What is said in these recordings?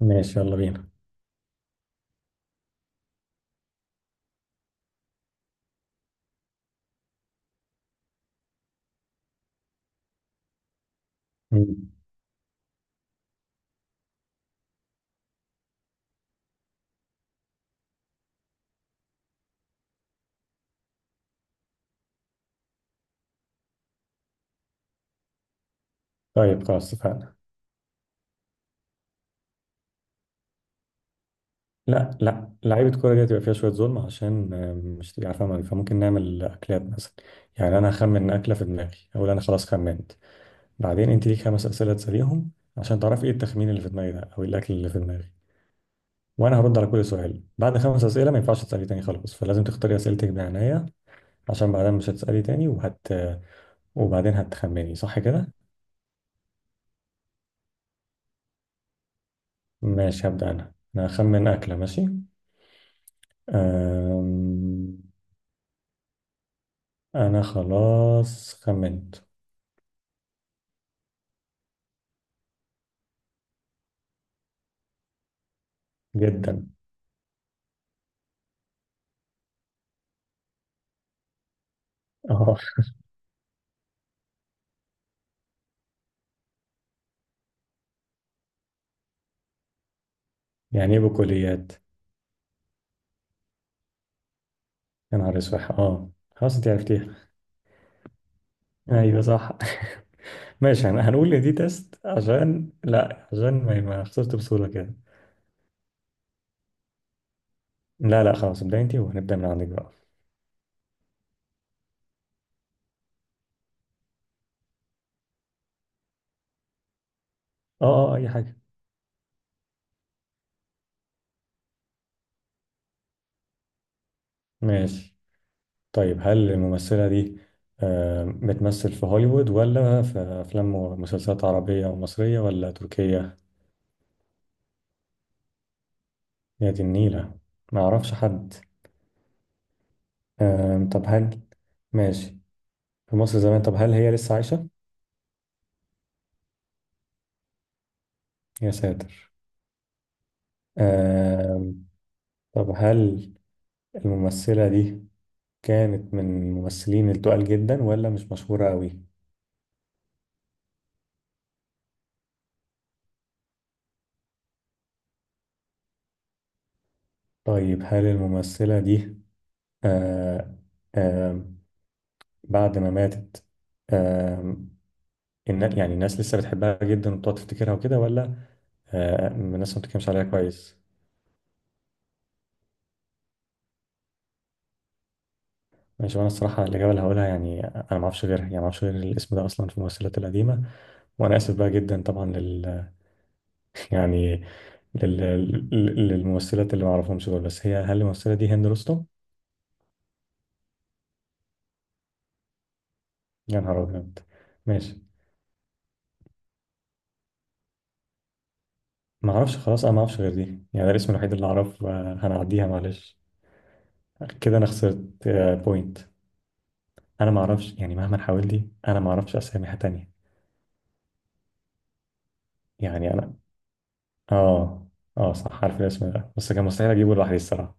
ماشي، يلا بينا. مم. طيب خلاص اتفقنا. لا لا، لعيبة كورة دي هتبقى فيها شوية ظلم عشان مش تبقى عارفة أمريكا، فممكن نعمل أكلات مثلا. يعني أنا هخمن أكلة في دماغي، أقول أنا خلاص خمنت. بعدين أنت ليك خمس أسئلة تسأليهم عشان تعرفي إيه التخمين اللي في دماغي ده، أو إيه الأكل اللي في دماغي. وأنا هرد على كل سؤال. بعد خمس أسئلة ما ينفعش تسألي تاني خلاص، فلازم تختاري أسئلتك بعناية عشان بعدين مش هتسألي تاني وبعدين هتخمني صح كده؟ ماشي، هبدأ أنا هخمن أكلة. ماشي. أم... انا خلاص خمنت. جدا. اه. يعني ايه بكليات؟ يا نهار اسود. اه، خلاص انت عرفتيها. ايوه صح. ماشي، هنقول ان دي تيست عشان لا، عشان ما خسرت بصوره كده. لا لا، خلاص ابدأ انت، وهنبدأ من عندك بقى. اه اه، اي حاجه. ماشي. طيب هل الممثله دي بتمثل في هوليوود، ولا في افلام ومسلسلات عربيه ومصريه، ولا تركيه؟ يا دي النيله، ما اعرفش حد. طب هل ماشي. في مصر زمان، طب هل هي لسه عايشة؟ يا ساتر. آم، طب هل الممثلة دي كانت من الممثلين التقال جدا، ولا مش مشهورة قوي؟ طيب هل الممثلة دي آه آم، بعد ما ماتت، آم، يعني الناس لسه بتحبها جدا وبتقعد تفتكرها وكده، ولا الناس ما بتتكلمش عليها كويس؟ ماشي. وانا الصراحة الإجابة اللي هقولها، يعني أنا ما أعرفش غيرها، يعني ما أعرفش غير الاسم ده أصلا في الممثلات القديمة. وأنا آسف بقى جدا طبعا، يعني لل... للممثلات اللي ما اعرفهمش دول، بس هي، هل الممثله دي هند رستم؟ يا نهار ابيض. ماشي، ما اعرفش. خلاص انا ما اعرفش غير دي، يعني ده الاسم الوحيد اللي اعرف. هنعديها معلش. كده انا خسرت بوينت. انا ما اعرفش، يعني مهما حاولت انا ما اعرفش اسامي تانية. يعني انا، اه، اه صح، عارف الاسم ده بس كان مستحيل اجيبه لوحدي الصراحه.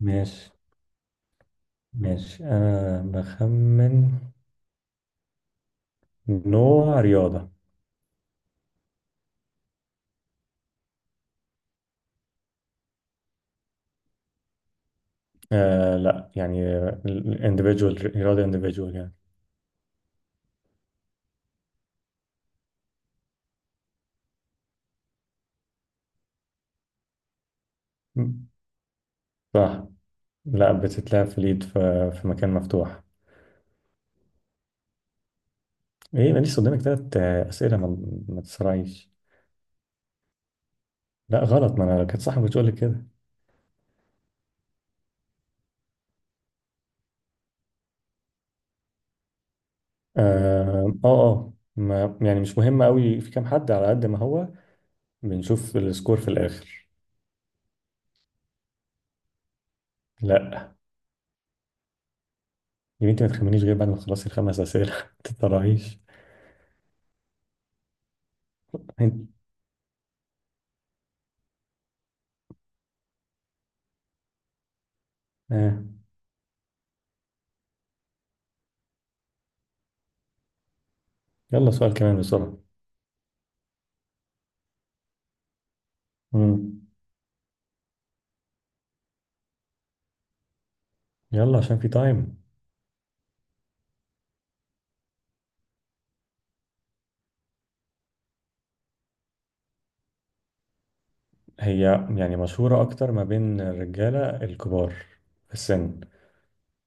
ماشي. ماشي انا بخمن نوع رياضه. لا يعني individual، رياضه individual يعني. صح. لا، بتتلعب في اليد، في مكان مفتوح. ايه، انا لسه قدامك تلات اسئله، ما تسرعيش. لا غلط، ما انا لو كانت صح ما كنتش اقول لك كده. اه اه، ما يعني مش مهم قوي في كام حد، على قد ما هو بنشوف السكور في الاخر. لا، يا بنتي ما تخمنيش غير بعد ما تخلصي الخمس اسئله. ما تتسرعيش. أنت- آه. يلا سؤال كمان بسرعه. مم. يلا عشان في تايم. هي يعني مشهوره اكتر ما بين الرجاله الكبار في السن.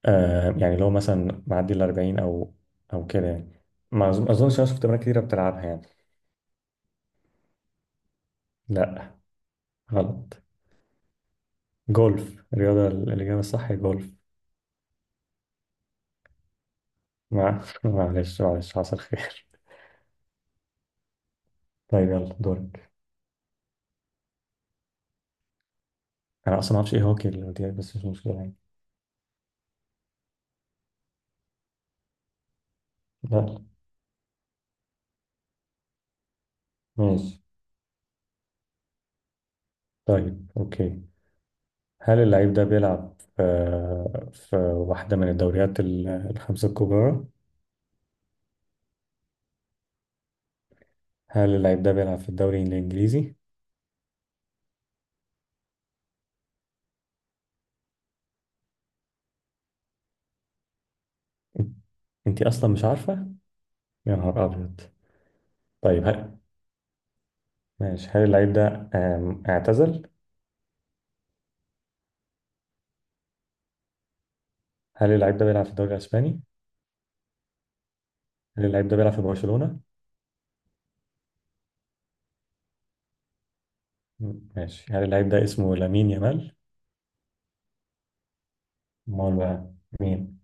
يعني لو مثلا معدي ال 40 او كده يعني. ما أظن- اظنش انا شفت بنات كتيره بتلعبها يعني. لا غلط. جولف. الرياضه، الاجابه الصح هي جولف. معلش معلش، حصل خير. طيب يلا دورك. انا اصلا ما اعرفش ايه هوكي اللي قلت لك، بس مش مشكله يعني. لا. ماشي. طيب اوكي، هل اللعيب ده بيلعب في واحده من الدوريات الخمسه الكبرى؟ هل اللعيب ده بيلعب في الدوري الانجليزي؟ انت اصلا مش عارفه. يا نهار ابيض. طيب ماشي. هل اللعيب ده اعتزل؟ هل اللعيب ده بيلعب في الدوري الإسباني؟ هل اللعيب ده بيلعب في برشلونة؟ ماشي، هل اللعيب ده اسمه لامين يامال؟ أمال بقى مين؟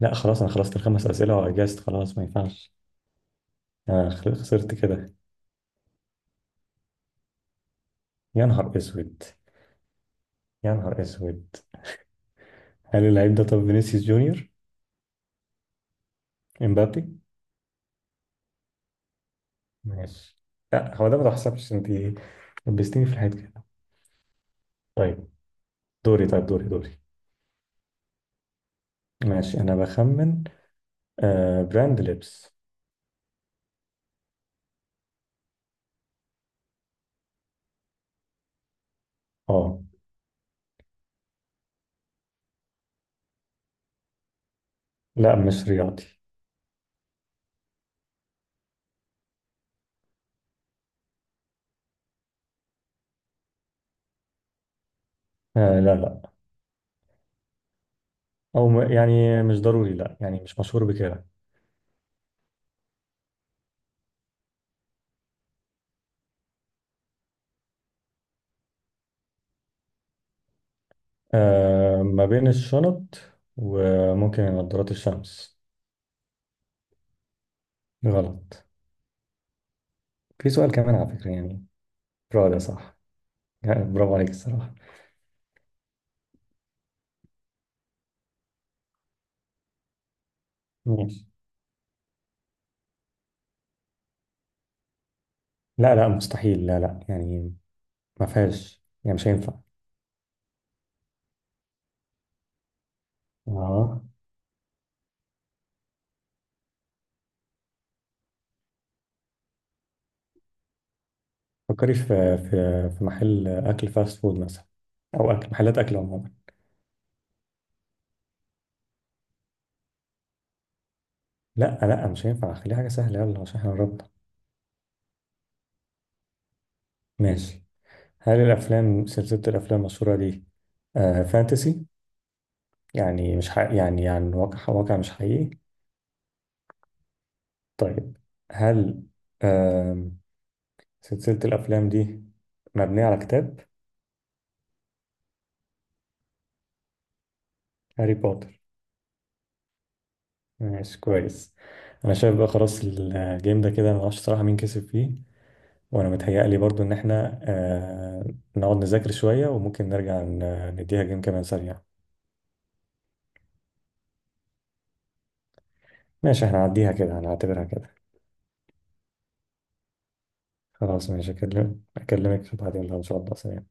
لا خلاص، أنا خلصت الخمس أسئلة وأجازت، خلاص ما ينفعش. أنا خسرت كده. يا نهار أسود، يا نهار أسود. هل اللعيب ده طب فينيسيوس جونيور؟ إمبابي؟ ماشي. لا هو ده، ما تحسبش أنت لبستيني في الحيط كده. طيب دوري، طيب دوري دوري. ماشي أنا بخمن. براند لبس. أه لا مش رياضي. لا لا. او يعني مش ضروري، لا يعني مش مشهور بكده. ما بين الشنط، وممكن نظارات الشمس. غلط. في سؤال كمان على فكرة يعني. برافو ده صح. يعني برافو عليك الصراحة. ماشي. لا لا مستحيل، لا لا يعني ما فيهاش، يعني مش هينفع. اه، فكري في في محل اكل فاست فود مثلا، او اكل، محلات اكل عموما. لا لا مش هينفع، خليها حاجة سهلة، يلا عشان احنا نربط. ماشي. هل سلسلة الافلام المشهورة دي فانتسي، يعني مش حقيقي، يعني واقع، واقع مش حقيقي؟ طيب هل آم، سلسلة الأفلام دي مبنية على كتاب؟ هاري بوتر. ماشي كويس. أنا شايف بقى خلاص الجيم ده كده أنا معرفش صراحة مين كسب فيه. وأنا متهيألي برضو إن إحنا نقعد نذاكر شوية، وممكن نرجع نديها جيم كمان سريع. ماشي، إحنا هنعديها كده، هنعتبرها كده. خلاص ماشي، أكلمك بعدين بقى إن شاء الله سريع.